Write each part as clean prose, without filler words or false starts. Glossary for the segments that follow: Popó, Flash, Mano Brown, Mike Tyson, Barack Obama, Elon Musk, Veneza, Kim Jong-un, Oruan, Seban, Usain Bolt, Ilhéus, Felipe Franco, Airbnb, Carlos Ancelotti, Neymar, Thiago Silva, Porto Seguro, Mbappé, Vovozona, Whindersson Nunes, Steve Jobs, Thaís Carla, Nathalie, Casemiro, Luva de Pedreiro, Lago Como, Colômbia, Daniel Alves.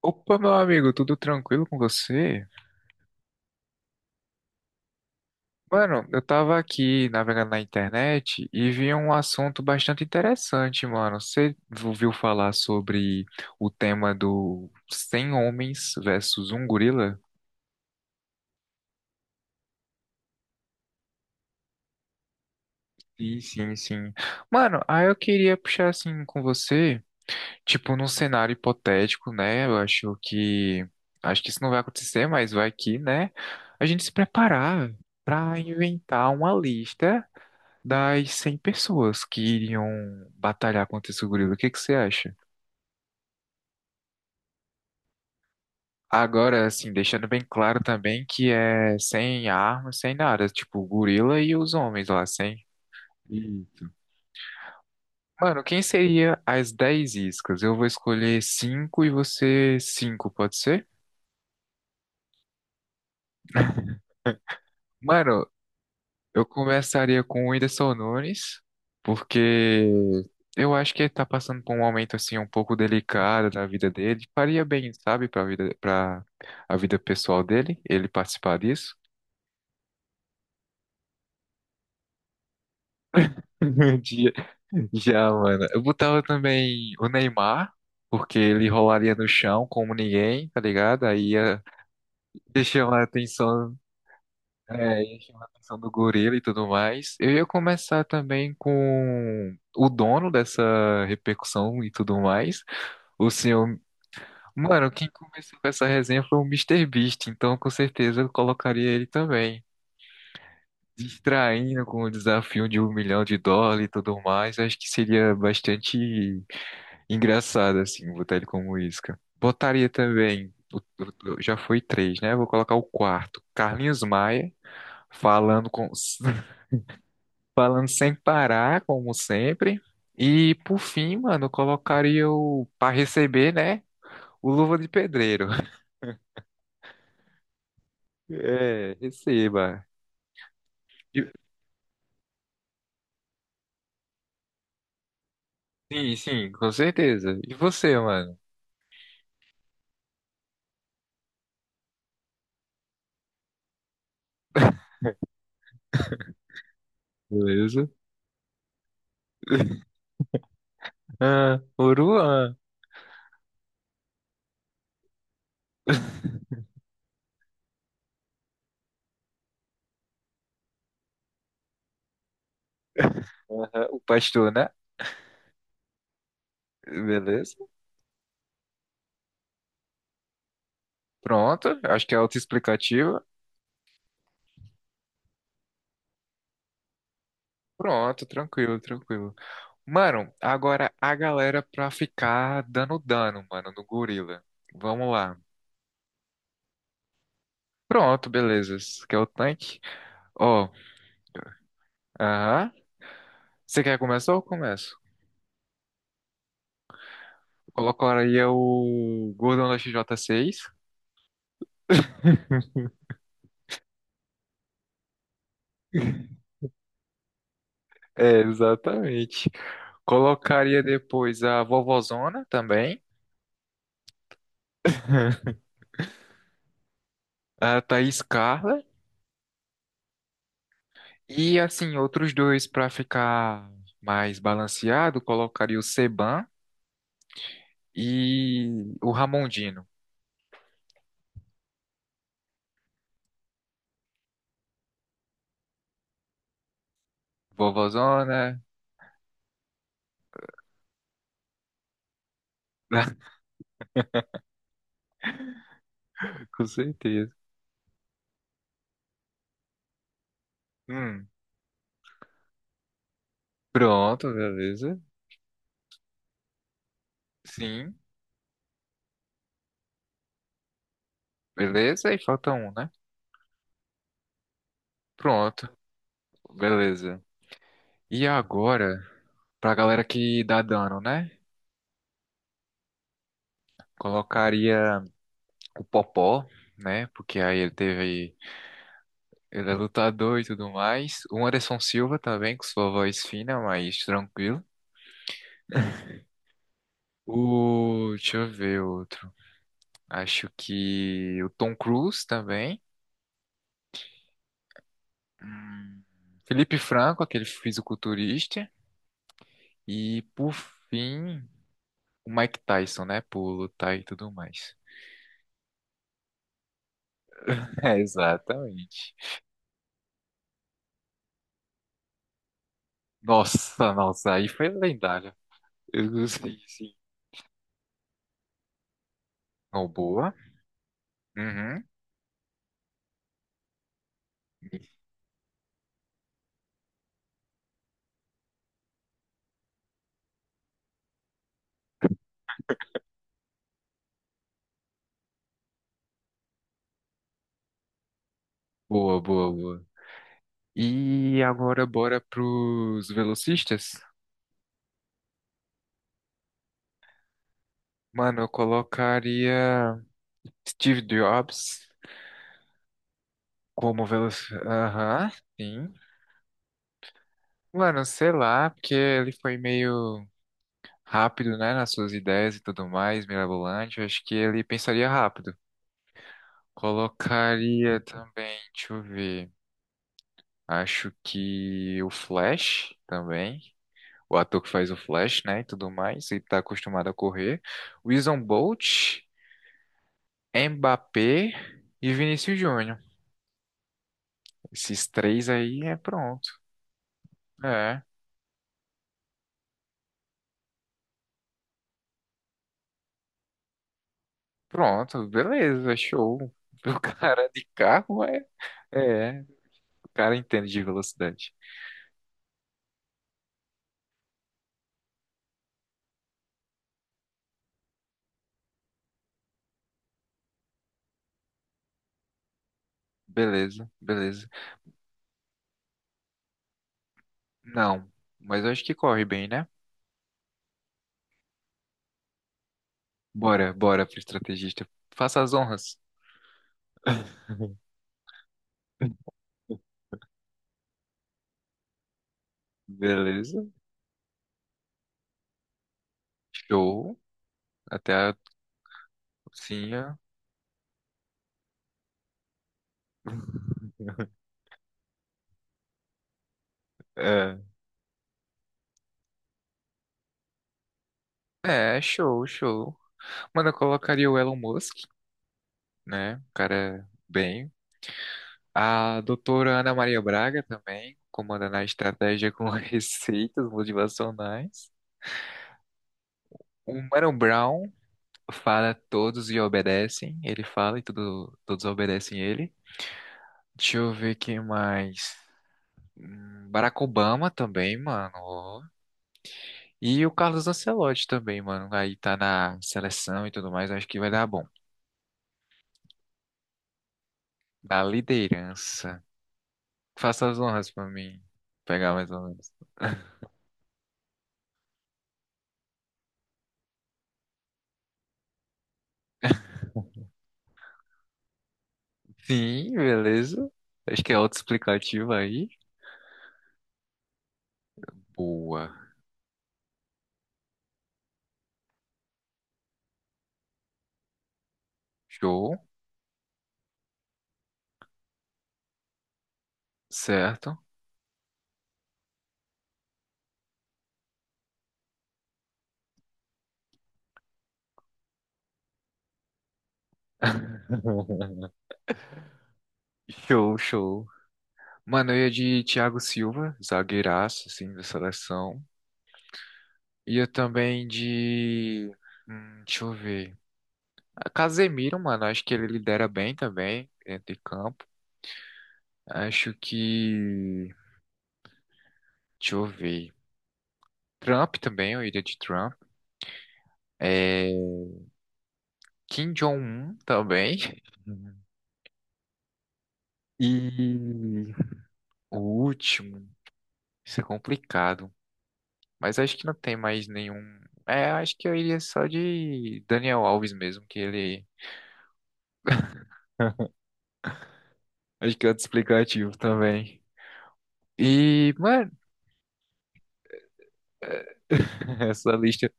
Opa, meu amigo, tudo tranquilo com você? Mano, eu tava aqui navegando na internet e vi um assunto bastante interessante, mano. Você ouviu falar sobre o tema do 100 homens versus um gorila? Sim, sim, sim. Mano, aí eu queria puxar assim com você, tipo, num cenário hipotético, né? Eu acho que. Acho que isso não vai acontecer, mas vai que, né? A gente se preparar. Pra inventar uma lista das 100 pessoas que iriam batalhar contra esse gorila. O que que você acha? Agora, assim, deixando bem claro também que é sem armas, sem nada. Tipo, o gorila e os homens lá, sem. Isso. Mano, quem seria as 10 iscas? Eu vou escolher 5 e você 5, pode ser? Mano, eu começaria com o Whindersson Nunes, porque eu acho que ele tá passando por um momento assim um pouco delicado na vida dele. Faria bem, sabe, para a vida pessoal dele, ele participar disso. De- Já, mano. Eu botava também o Neymar, porque ele rolaria no chão como ninguém, tá ligado? Aí ia chamar a atenção. É, e chama a atenção do gorila e tudo mais. Eu ia começar também com o dono dessa repercussão e tudo mais. O senhor. Mano, quem começou com essa resenha foi o Mister Beast, então com certeza eu colocaria ele também. Distraindo com o desafio de 1 milhão de dólares e tudo mais. Acho que seria bastante engraçado, assim, botar ele como isca. Botaria também. Já foi três, né? Vou colocar o quarto. Carlinhos Maia falando com falando sem parar, como sempre. E por fim, mano, eu colocaria o para receber, né? O Luva de Pedreiro. É, receba. E- Sim, sim, com certeza. E você, mano? Beleza? Ah, Oruan. Aham, o pastor, né? Beleza. Pronto, acho que é autoexplicativo. Pronto, tranquilo, tranquilo. Mano, agora a galera pra ficar dando dano, mano, no gorila. Vamos lá. Pronto, beleza. Esse aqui é o tanque. Ó, aham. Você quer começar ou eu começo? Colocaria o Gordon da XJ6. É, exatamente. Colocaria depois a Vovozona também, a Thaís Carla. E assim, outros dois para ficar mais balanceado, colocaria o Seban e o Ramondino. Vovozona, com certeza. Hum, pronto, beleza. Sim, beleza. E falta um, né? Pronto, beleza. E agora? Pra galera que dá dano, né? Colocaria o Popó, né? Porque aí ele teve. Ele é lutador e tudo mais. O Anderson Silva também, com sua voz fina, mas tranquilo. O. Deixa eu ver outro. Acho que o Tom Cruise também. Hum, Felipe Franco, aquele fisiculturista. E por fim, o Mike Tyson, né? Por lutar e tudo mais. É, exatamente. Nossa, nossa, aí foi lendário. Eu gostei. Oh, boa. Uhum. Boa, boa, boa. E agora bora pros velocistas? Mano, eu colocaria Steve Jobs como velocista. Aham, sim. Mano, sei lá, porque ele foi meio rápido, né, nas suas ideias e tudo mais, mirabolante. Eu acho que ele pensaria rápido. Colocaria também, deixa eu ver. Acho que o Flash também. O ator que faz o Flash, né, e tudo mais, e tá acostumado a correr. O Usain Bolt, Mbappé e Vinícius Júnior. Esses três aí é pronto. É, pronto, beleza, show. O cara de carro é, é, o cara entende de velocidade. Beleza, beleza. Não, mas eu acho que corre bem, né? Bora, bora pro estrategista. Faça as honras. Beleza, show. Até a cozinha. É, show, show. Mano, eu colocaria o Elon Musk, né? O cara bem. A doutora Ana Maria Braga também, comandando a estratégia com receitas motivacionais. O Mano Brown fala todos e obedecem. Ele fala e tudo, todos obedecem ele. Deixa eu ver quem mais. Barack Obama também, mano, ó. E o Carlos Ancelotti também, mano. Aí tá na seleção e tudo mais. Acho que vai dar bom. Da liderança. Faça as honras pra mim pegar mais ou menos. Sim, beleza. Acho que é autoexplicativo aí. Boa. Show. Certo. Show, show. Mano, eu ia de Thiago Silva, zagueiraço, assim, da seleção. Ia também de. Deixa eu ver. Ah, Casemiro, mano, acho que ele lidera bem também, dentro de campo. Acho que. Deixa eu ver. Trump também, eu iria de Trump. É, Kim Jong-un também. E o último, isso é complicado. Mas acho que não tem mais nenhum. É, acho que eu iria só de Daniel Alves mesmo, que ele. Acho que é outro explicativo também. E, mano, essa lista.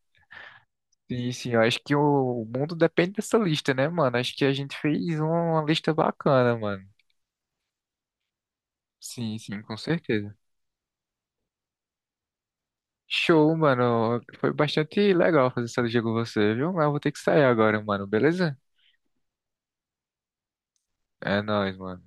Sim, sim, eu acho que o mundo depende dessa lista, né, mano? Acho que a gente fez uma lista bacana, mano. Sim, sim, com certeza. Show, mano. Foi bastante legal fazer essa liga com você, viu? Mas eu vou ter que sair agora, mano. Beleza? É nóis, mano.